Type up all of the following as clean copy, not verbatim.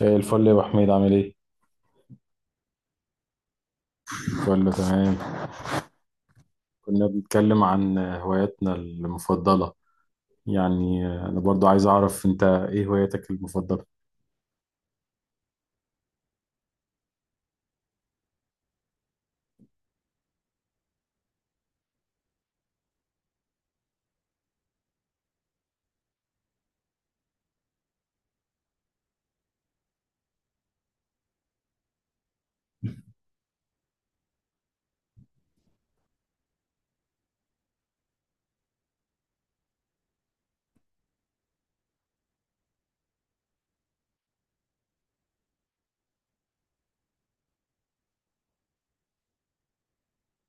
زي الفل يا ابو حميد، عامل ايه؟ كله تمام. كنا بنتكلم عن هواياتنا المفضله، يعني انا برضو عايز اعرف انت ايه هواياتك المفضله.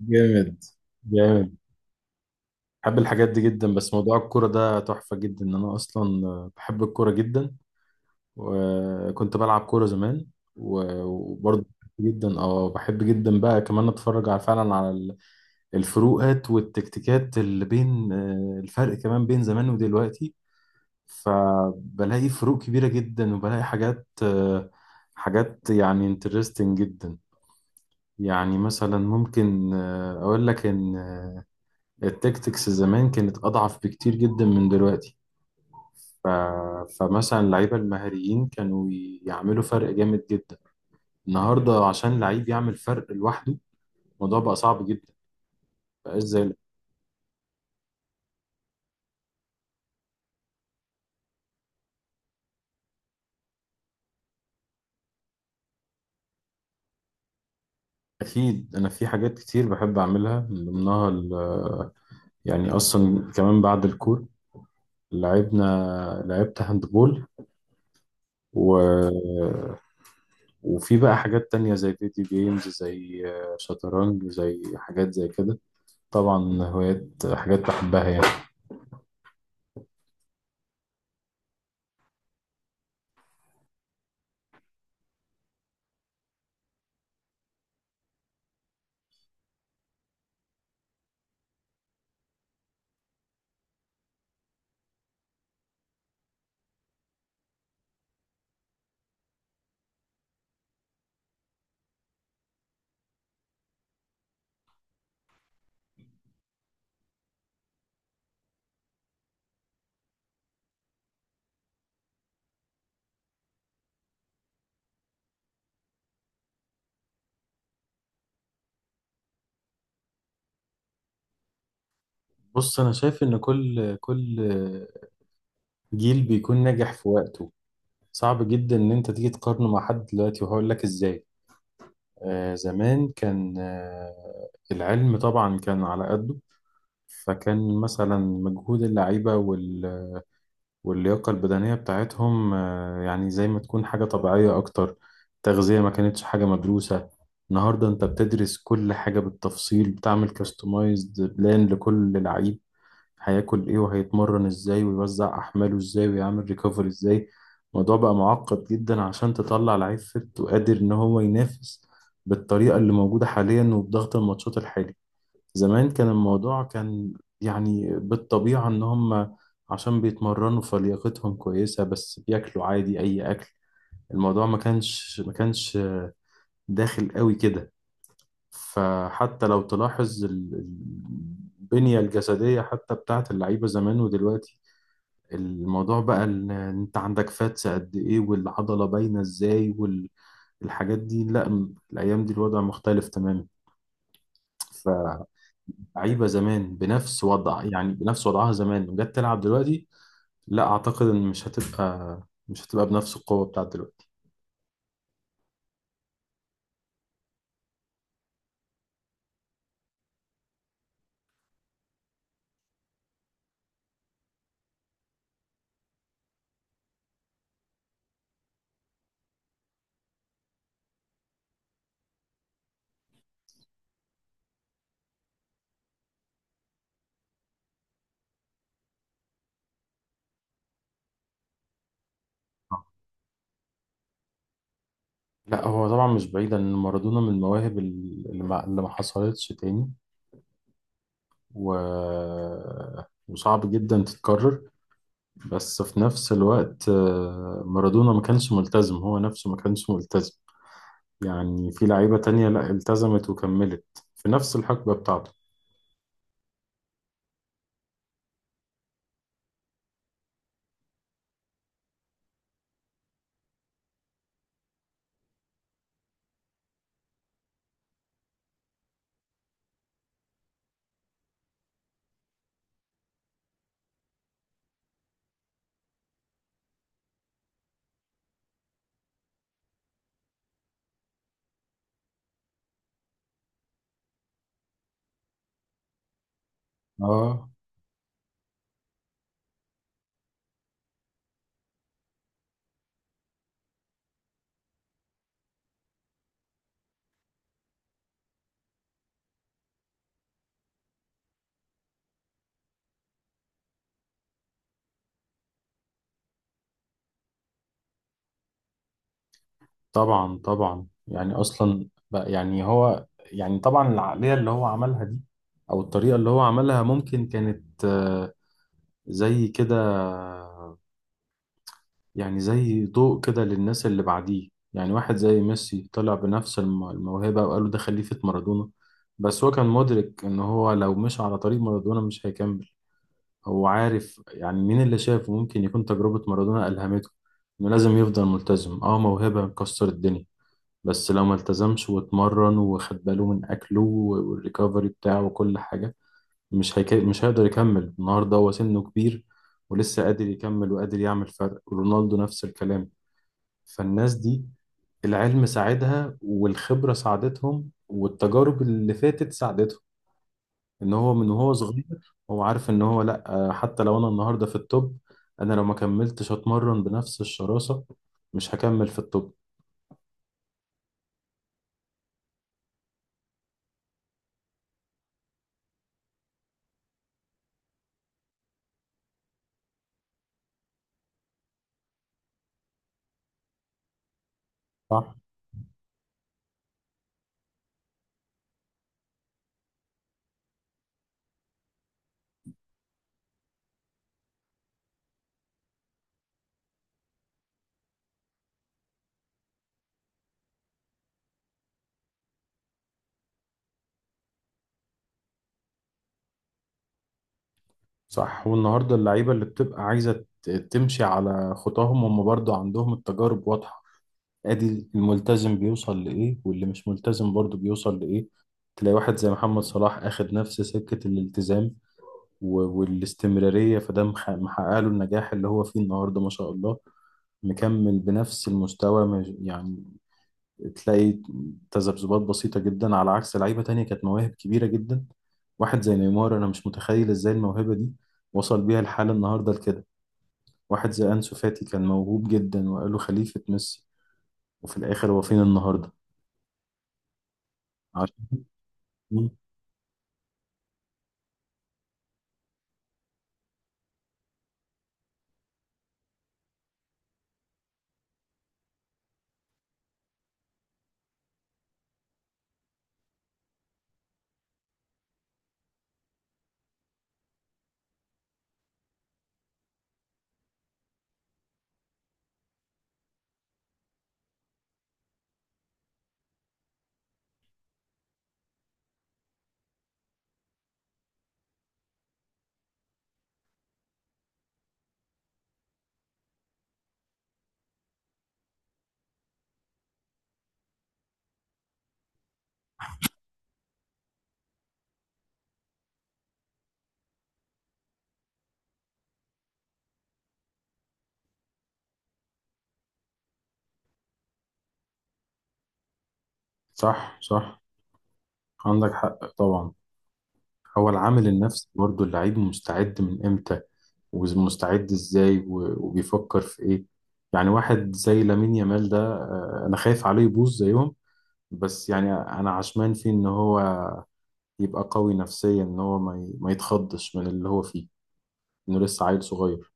جامد، جامد. بحب الحاجات دي جدا، بس موضوع الكوره ده تحفه جدا. انا اصلا بحب الكوره جدا وكنت بلعب كوره زمان. و- وبرضو بحب جدا، اه بحب جدا بقى كمان اتفرج على فعلا على الفروقات والتكتيكات اللي بين الفرق، كمان بين زمان ودلوقتي. فبلاقي فروق كبيرة جدا، وبلاقي حاجات حاجات يعني انترستنج جدا. يعني مثلا ممكن أقول لك إن التكتكس زمان كانت أضعف بكتير جدا من دلوقتي. ف... فمثلا اللعيبة المهاريين كانوا يعملوا فرق جامد جدا. النهاردة عشان لعيب يعمل فرق لوحده، الموضوع بقى صعب جدا، بقاش زي. أكيد أنا في حاجات كتير بحب أعملها، من ضمنها يعني أصلا كمان بعد الكور لعبنا، لعبت هاندبول و... وفي بقى حاجات تانية زي فيديو جيمز، زي شطرنج، زي حاجات زي كده. طبعا هوايات، حاجات بحبها يعني. بص، أنا شايف إن كل جيل بيكون ناجح في وقته. صعب جدا إن أنت تيجي تقارنه مع حد دلوقتي، وهقول لك إزاي. آه زمان كان آه العلم طبعا كان على قده، فكان مثلا مجهود اللعيبة وال واللياقة البدنية بتاعتهم يعني زي ما تكون حاجة طبيعية أكتر. تغذية ما كانتش حاجة مدروسة، النهاردة أنت بتدرس كل حاجة بالتفصيل، بتعمل كاستمايزد بلان لكل لعيب، هياكل إيه وهيتمرن إزاي ويوزع أحماله إزاي ويعمل ريكفري إزاي. الموضوع بقى معقد جدا عشان تطلع لعيب فت وقادر إن هو ينافس بالطريقة اللي موجودة حاليا وبضغط الماتشات الحالي. زمان كان الموضوع كان يعني بالطبيعة، إن هم عشان بيتمرنوا فلياقتهم كويسة، بس بياكلوا عادي أي أكل، الموضوع ما كانش داخل قوي كده. فحتى لو تلاحظ البنية الجسدية حتى بتاعت اللعيبة زمان ودلوقتي، الموضوع بقى إن أنت عندك فاتس قد إيه والعضلة باينة إزاي، والحاجات دي لأ. الأيام دي الوضع مختلف تماما. ف لعيبه زمان بنفس وضع، يعني بنفس وضعها زمان وجت تلعب دلوقتي، لا اعتقد ان مش هتبقى بنفس القوه بتاعت دلوقتي. لا هو طبعا مش بعيد ان مارادونا من المواهب اللي ما حصلتش تاني و... وصعب جدا تتكرر. بس في نفس الوقت مارادونا ما كانش ملتزم، هو نفسه ما كانش ملتزم. يعني في لعيبه تانية لا التزمت وكملت في نفس الحقبه بتاعته. اه. طبعا يعني اصلا بقى يعني هو، يعني طبعا العقليه اللي هو عملها دي او الطريقه اللي هو عملها ممكن كانت زي كده، يعني زي ضوء كده للناس اللي بعديه. يعني واحد زي ميسي طلع بنفس الموهبه، وقالوا ده خليفه مارادونا، بس هو كان مدرك ان هو لو مش على طريق مارادونا مش هيكمل. هو عارف يعني مين اللي شافه ممكن يكون تجربه مارادونا الهمته انه لازم يفضل ملتزم. اه موهبه مكسر الدنيا، بس لو ما التزمش واتمرن وخد باله من اكله والريكفري بتاعه وكل حاجه، مش هيقدر يكمل. النهارده هو سنه كبير ولسه قادر يكمل وقادر يعمل فرق، رونالدو نفس الكلام. فالناس دي العلم ساعدها والخبره ساعدتهم والتجارب اللي فاتت ساعدتهم، ان هو من وهو صغير هو عارف ان هو لا. حتى لو انا النهارده في التوب، انا لو ما كملتش اتمرن بنفس الشراسه مش هكمل في التوب. صح صح. والنهارده اللعيبه اللي بتبقى عايزه تمشي على خطاهم، هم برضو عندهم التجارب واضحه، ادي الملتزم بيوصل لايه واللي مش ملتزم برضو بيوصل لايه. تلاقي واحد زي محمد صلاح اخد نفس سكه الالتزام والاستمراريه، فده محقق له النجاح اللي هو فيه النهارده، ما شاء الله، مكمل بنفس المستوى. يعني تلاقي تذبذبات بسيطة جدا، على عكس لعيبة تانية كانت مواهب كبيرة جدا. واحد زي نيمار أنا مش متخيل إزاي الموهبة دي وصل بيها الحال النهاردة لكده. واحد زي أنسو فاتي كان موهوب جدا وقالوا خليفة ميسي، وفي الآخر هو فين النهاردة؟ عشان. مم. صح، عندك حق طبعا. هو العامل النفسي برضه، اللعيب مستعد من إمتى ومستعد إزاي وبيفكر في إيه. يعني واحد زي لامين يامال ده أنا خايف عليه يبوظ زيهم، بس يعني انا عشمان فيه ان هو يبقى قوي نفسيا، ان هو ما يتخضش من اللي هو فيه، انه لسه عيل صغير.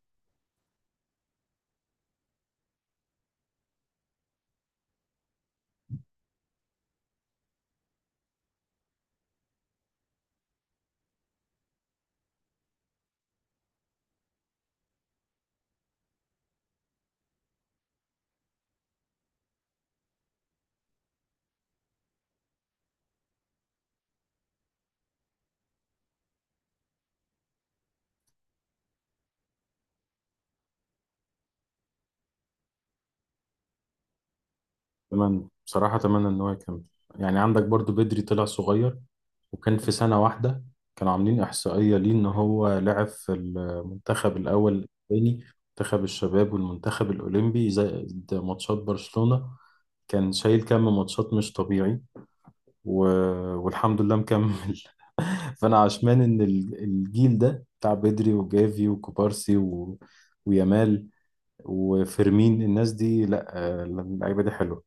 اتمنى بصراحة، اتمنى ان هو يكمل. يعني عندك برضو بدري طلع صغير، وكان في سنة واحدة كانوا عاملين إحصائية ليه إن هو لعب في المنتخب الأول، الثاني، منتخب الشباب والمنتخب الأولمبي زائد ماتشات برشلونة، كان شايل كم ماتشات مش طبيعي. و... والحمد لله مكمل. فانا عشمان ان الجيل ده بتاع بدري وجافي وكوبارسي ويامال وفيرمين، الناس دي لا، اللعيبه دي حلوه.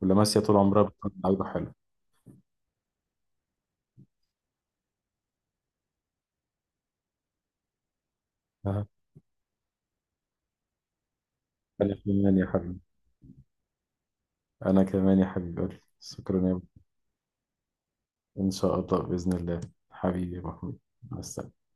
ولاماسيا طول عمرها بتكون لعيبه حلوه. أها. انا كمان يا حبيبي، انا كمان يا حبيبي، شكرا يا ابني. ان شاء الله باذن الله. حبيبي يا محمود، مع السلامه.